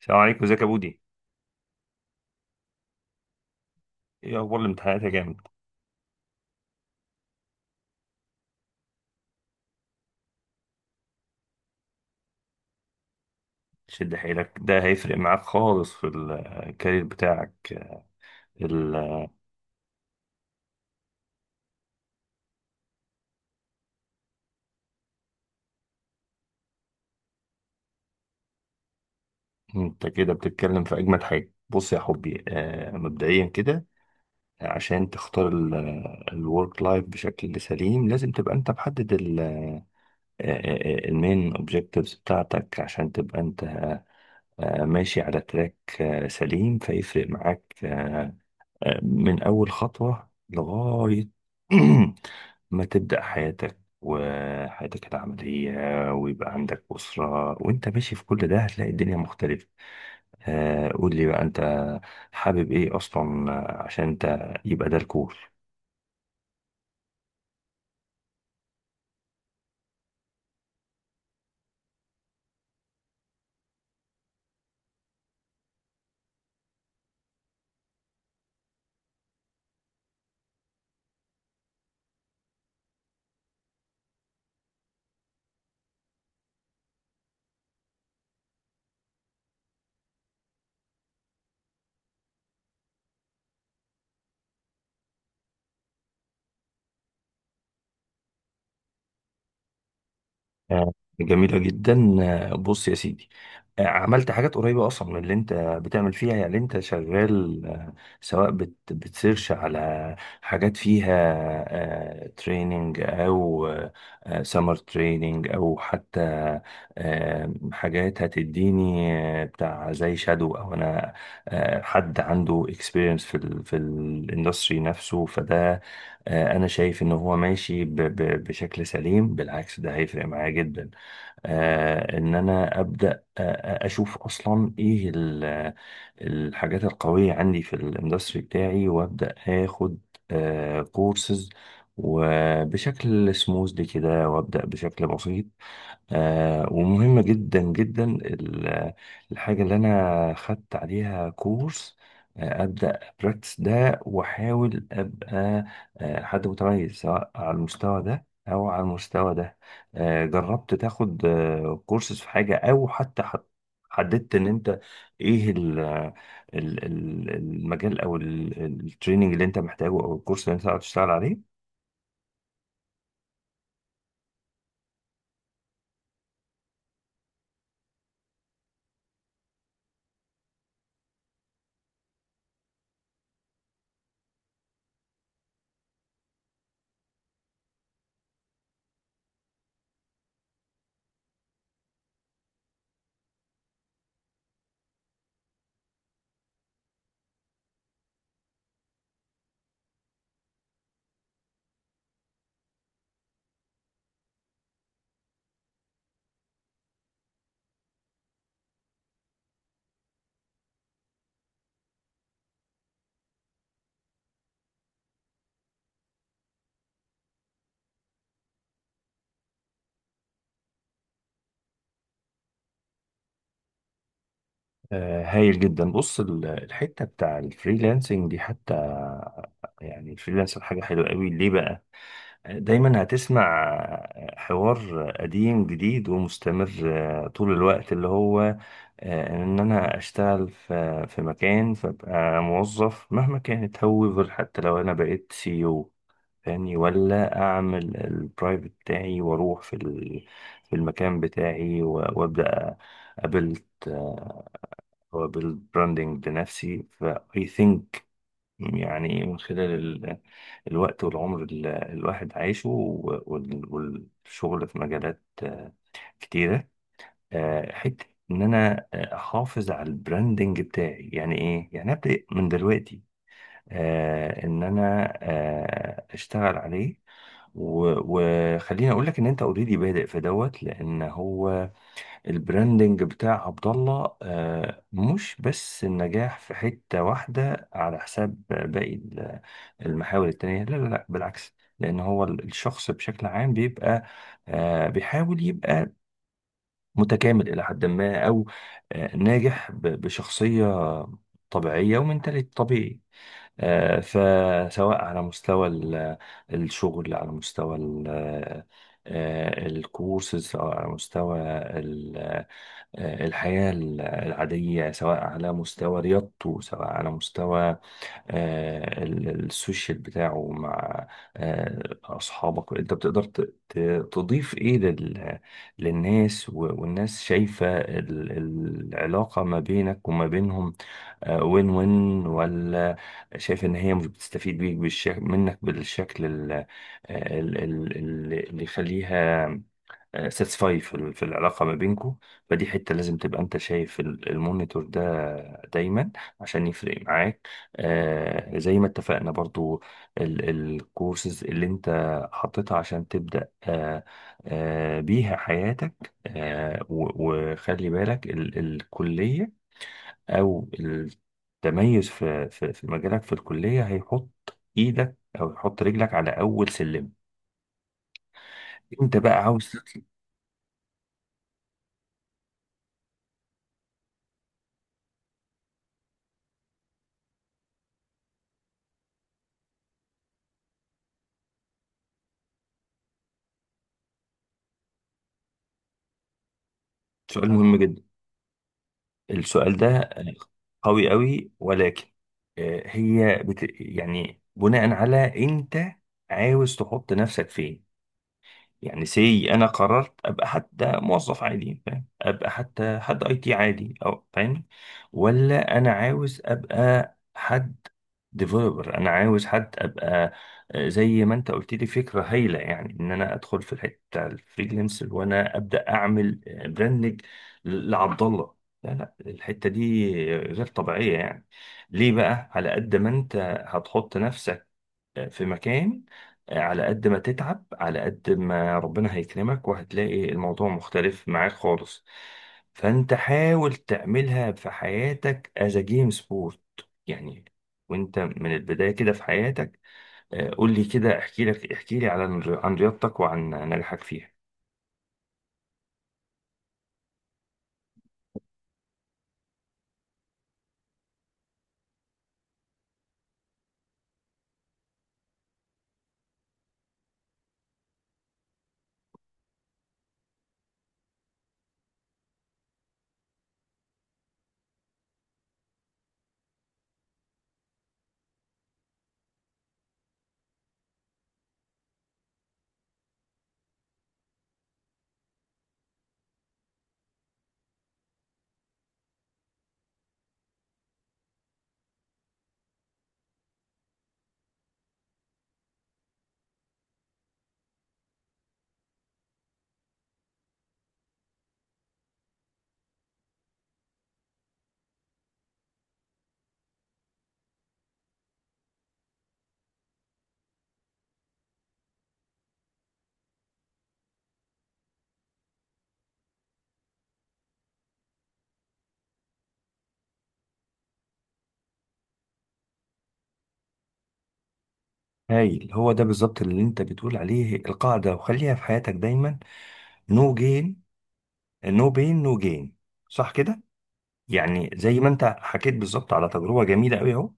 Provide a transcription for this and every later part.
السلام عليكم. ازيك يا بودي؟ ايه اخبار الامتحانات يا جامد؟ شد حيلك، ده هيفرق معاك خالص في الكارير بتاعك. ال- انت كده بتتكلم في اجمد حاجه. بص يا حبي، مبدئيا كده، عشان تختار الورك لايف بشكل سليم لازم تبقى انت محدد المين اوبجكتيفز بتاعتك، عشان تبقى انت ماشي على تراك سليم. فيفرق معاك من أول خطوة لغاية ما تبدأ حياتك وحياتك العملية، ويبقى عندك أسرة وأنت ماشي في كل ده، هتلاقي الدنيا مختلفة. قول لي بقى، أنت حابب إيه أصلا؟ عشان أنت يبقى ده الكور. آه، جميلة جدا. بص يا سيدي، عملت حاجات قريبة أصلا من اللي أنت بتعمل فيها. يعني أنت شغال، سواء بتسيرش على حاجات فيها تريننج، أو سمر تريننج، أو حتى حاجات هتديني بتاع زي شادو، أو أنا حد عنده اكسبيرينس في ال في الاندستري نفسه. فده انا شايف ان هو ماشي بشكل سليم. بالعكس، ده هيفرق معايا جدا، ان انا ابدا اشوف اصلا ايه الحاجات القويه عندي في الاندستري بتاعي، وابدا اخد كورسز، وبشكل سموز كده، وابدا بشكل بسيط. ومهم جدا جدا الحاجة اللي أنا خدت عليها كورس، أبدأ براكتس ده، وأحاول أبقى حد متميز، سواء على المستوى ده أو على المستوى ده. جربت تاخد كورسز في حاجة، أو حتى حددت إن أنت إيه المجال، أو التريننج اللي أنت محتاجه، أو الكورس اللي أنت هتشتغل عليه؟ هايل جدا. بص، الحته بتاع الفريلانسنج دي، حتى يعني الفريلانسر، حاجه حلوه قوي. ليه بقى؟ دايما هتسمع حوار قديم جديد ومستمر طول الوقت، اللي هو ان انا اشتغل في مكان، فابقى موظف مهما كانت هوفر، حتى لو انا بقيت سي او، فاهمني؟ ولا اعمل البرايفت بتاعي واروح في المكان بتاعي وابدا. قابلت هو بالبراندنج لنفسي، فاي ثينك، يعني من خلال الوقت والعمر اللي الواحد عايشه، والشغل في مجالات كتيرة. حتة ان انا احافظ على البراندنج بتاعي. يعني ايه؟ يعني ابدا من دلوقتي ان انا اشتغل عليه، وخليني اقول لك ان انت اوريدي بادئ في دوت، لان هو البراندنج بتاع عبد الله مش بس النجاح في حتة واحدة على حساب باقي المحاور التانية. لا لا لا، بالعكس، لأن هو الشخص بشكل عام بيبقى بيحاول يبقى متكامل إلى حد ما، أو ناجح بشخصية طبيعية ومنتاليتي طبيعي. فسواء على مستوى الشغل، على مستوى الكورسز، أو على مستوى ال- الحياة العادية، سواء على مستوى رياضته، سواء على مستوى السوشيال بتاعه مع أصحابك. أنت بتقدر تضيف إيه للناس، والناس شايفة العلاقة ما بينك وما بينهم وين وين، ولا شايف ان هي مش بتستفيد بيك بالشكل، منك بالشكل اللي يخليها ساتسفاي في العلاقه ما بينكم. فدي حته لازم تبقى انت شايف المونيتور ده دايما، عشان يفرق معاك. زي ما اتفقنا، برضو الكورسز اللي انت حطيتها عشان تبدا بيها حياتك، وخلي بالك الكليه، او التميز في مجالك، في الكليه هيحط ايدك او يحط رجلك على اول سلم، انت بقى عاوز تطلع. سؤال مهم جدا، السؤال ده قوي قوي، ولكن هي يعني بناء على انت عاوز تحط نفسك فين. يعني سي انا قررت ابقى حتى موظف عادي، فاهم؟ ابقى حتى حد اي تي عادي، او فاهم، ولا انا عاوز ابقى حد ديفلوبر؟ انا عاوز حد ابقى، زي ما انت قلت لي، فكره هايله، يعني ان انا ادخل في الحته بتاع الفريلانسر، وانا ابدا اعمل براندنج لعبد الله. لا لا، الحته دي غير طبيعيه، يعني ليه بقى؟ على قد ما انت هتحط نفسك في مكان، على قد ما تتعب، على قد ما ربنا هيكرمك، وهتلاقي الموضوع مختلف معاك خالص. فانت حاول تعملها في حياتك as a game sport، يعني وانت من البداية كده في حياتك. قول لي كده، احكي لي عن رياضتك وعن نجاحك فيها. هايل، هو ده بالظبط اللي انت بتقول عليه القاعدة، وخليها في حياتك دايما: no gain no pain no gain. صح كده؟ يعني زي ما انت حكيت بالظبط على تجربه جميله قوي اهو.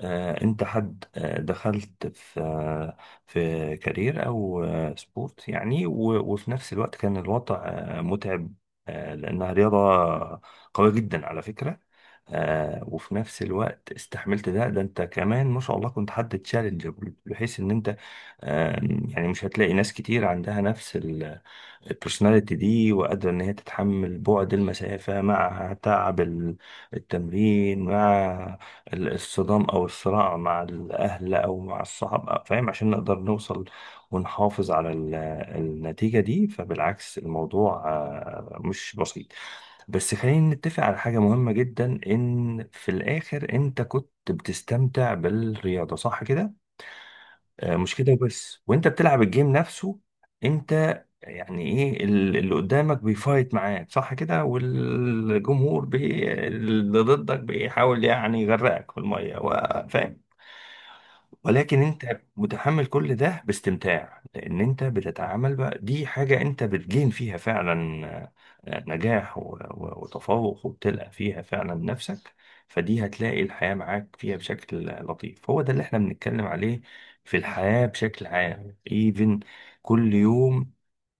انت حد دخلت في في كارير او سبورت، يعني وفي نفس الوقت كان الوضع متعب، لانها رياضه قويه جدا على فكره. وفي نفس الوقت استحملت ده، انت كمان ما شاء الله كنت حد تشالنج، بحيث ان انت آه، يعني مش هتلاقي ناس كتير عندها نفس البرسوناليتي دي، وقادرة إن هي تتحمل بعد المسافة مع تعب التمرين، مع الصدام أو الصراع مع الأهل أو مع الصحاب، فاهم؟ عشان نقدر نوصل ونحافظ على النتيجة دي. فبالعكس، الموضوع مش بسيط. بس خلينا نتفق على حاجة مهمة جدا، إن في الآخر أنت كنت بتستمتع بالرياضة، صح كده؟ مش كده بس، وانت بتلعب الجيم نفسه، انت يعني ايه اللي قدامك بيفايت معاك، صح كده؟ والجمهور اللي ضدك بيحاول يعني يغرقك في الميه، فاهم؟ ولكن انت متحمل كل ده باستمتاع، لان انت بتتعامل بقى دي حاجة انت بتجين فيها فعلا نجاح وتفوق، وبتلقى فيها فعلا نفسك. فدي هتلاقي الحياة معاك فيها بشكل لطيف. هو ده اللي احنا بنتكلم عليه في الحياة بشكل عام. ايفن كل يوم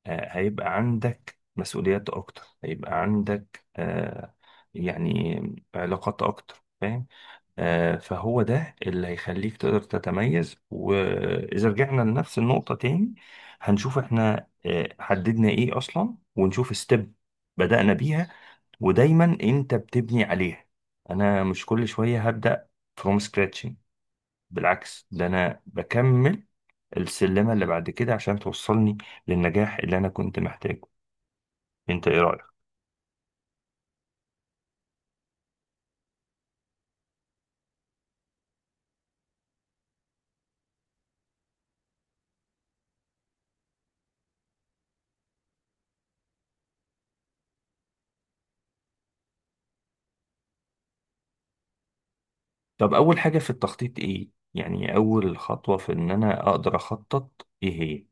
هيبقى عندك مسؤوليات اكتر، هيبقى عندك يعني علاقات اكتر، فاهم؟ فهو ده اللي هيخليك تقدر تتميز. وإذا رجعنا لنفس النقطة تاني، هنشوف احنا حددنا ايه أصلا، ونشوف ستيب بدأنا بيها، ودايما انت بتبني عليها. أنا مش كل شوية هبدأ فروم scratching، بالعكس، ده أنا بكمل السلمة اللي بعد كده عشان توصلني للنجاح اللي أنا كنت محتاجه. انت ايه رأيك؟ طب أول حاجة في التخطيط ايه؟ يعني أول خطوة في إن أنا أقدر أخطط ايه هي؟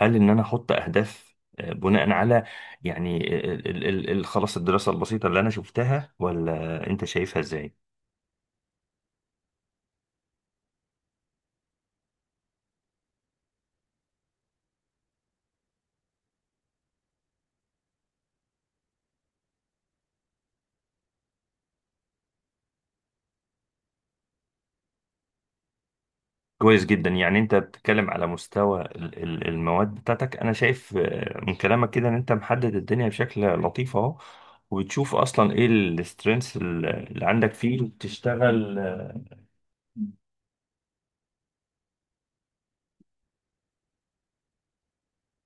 هل ان انا احط اهداف بناء على، يعني خلاص الدراسه البسيطه اللي انا شفتها، ولا انت شايفها ازاي؟ كويس جدا، يعني انت بتتكلم على مستوى المواد بتاعتك. انا شايف من كلامك كده ان انت محدد الدنيا بشكل لطيف اهو، وبتشوف اصلا ايه السترينث اللي عندك فيه وبتشتغل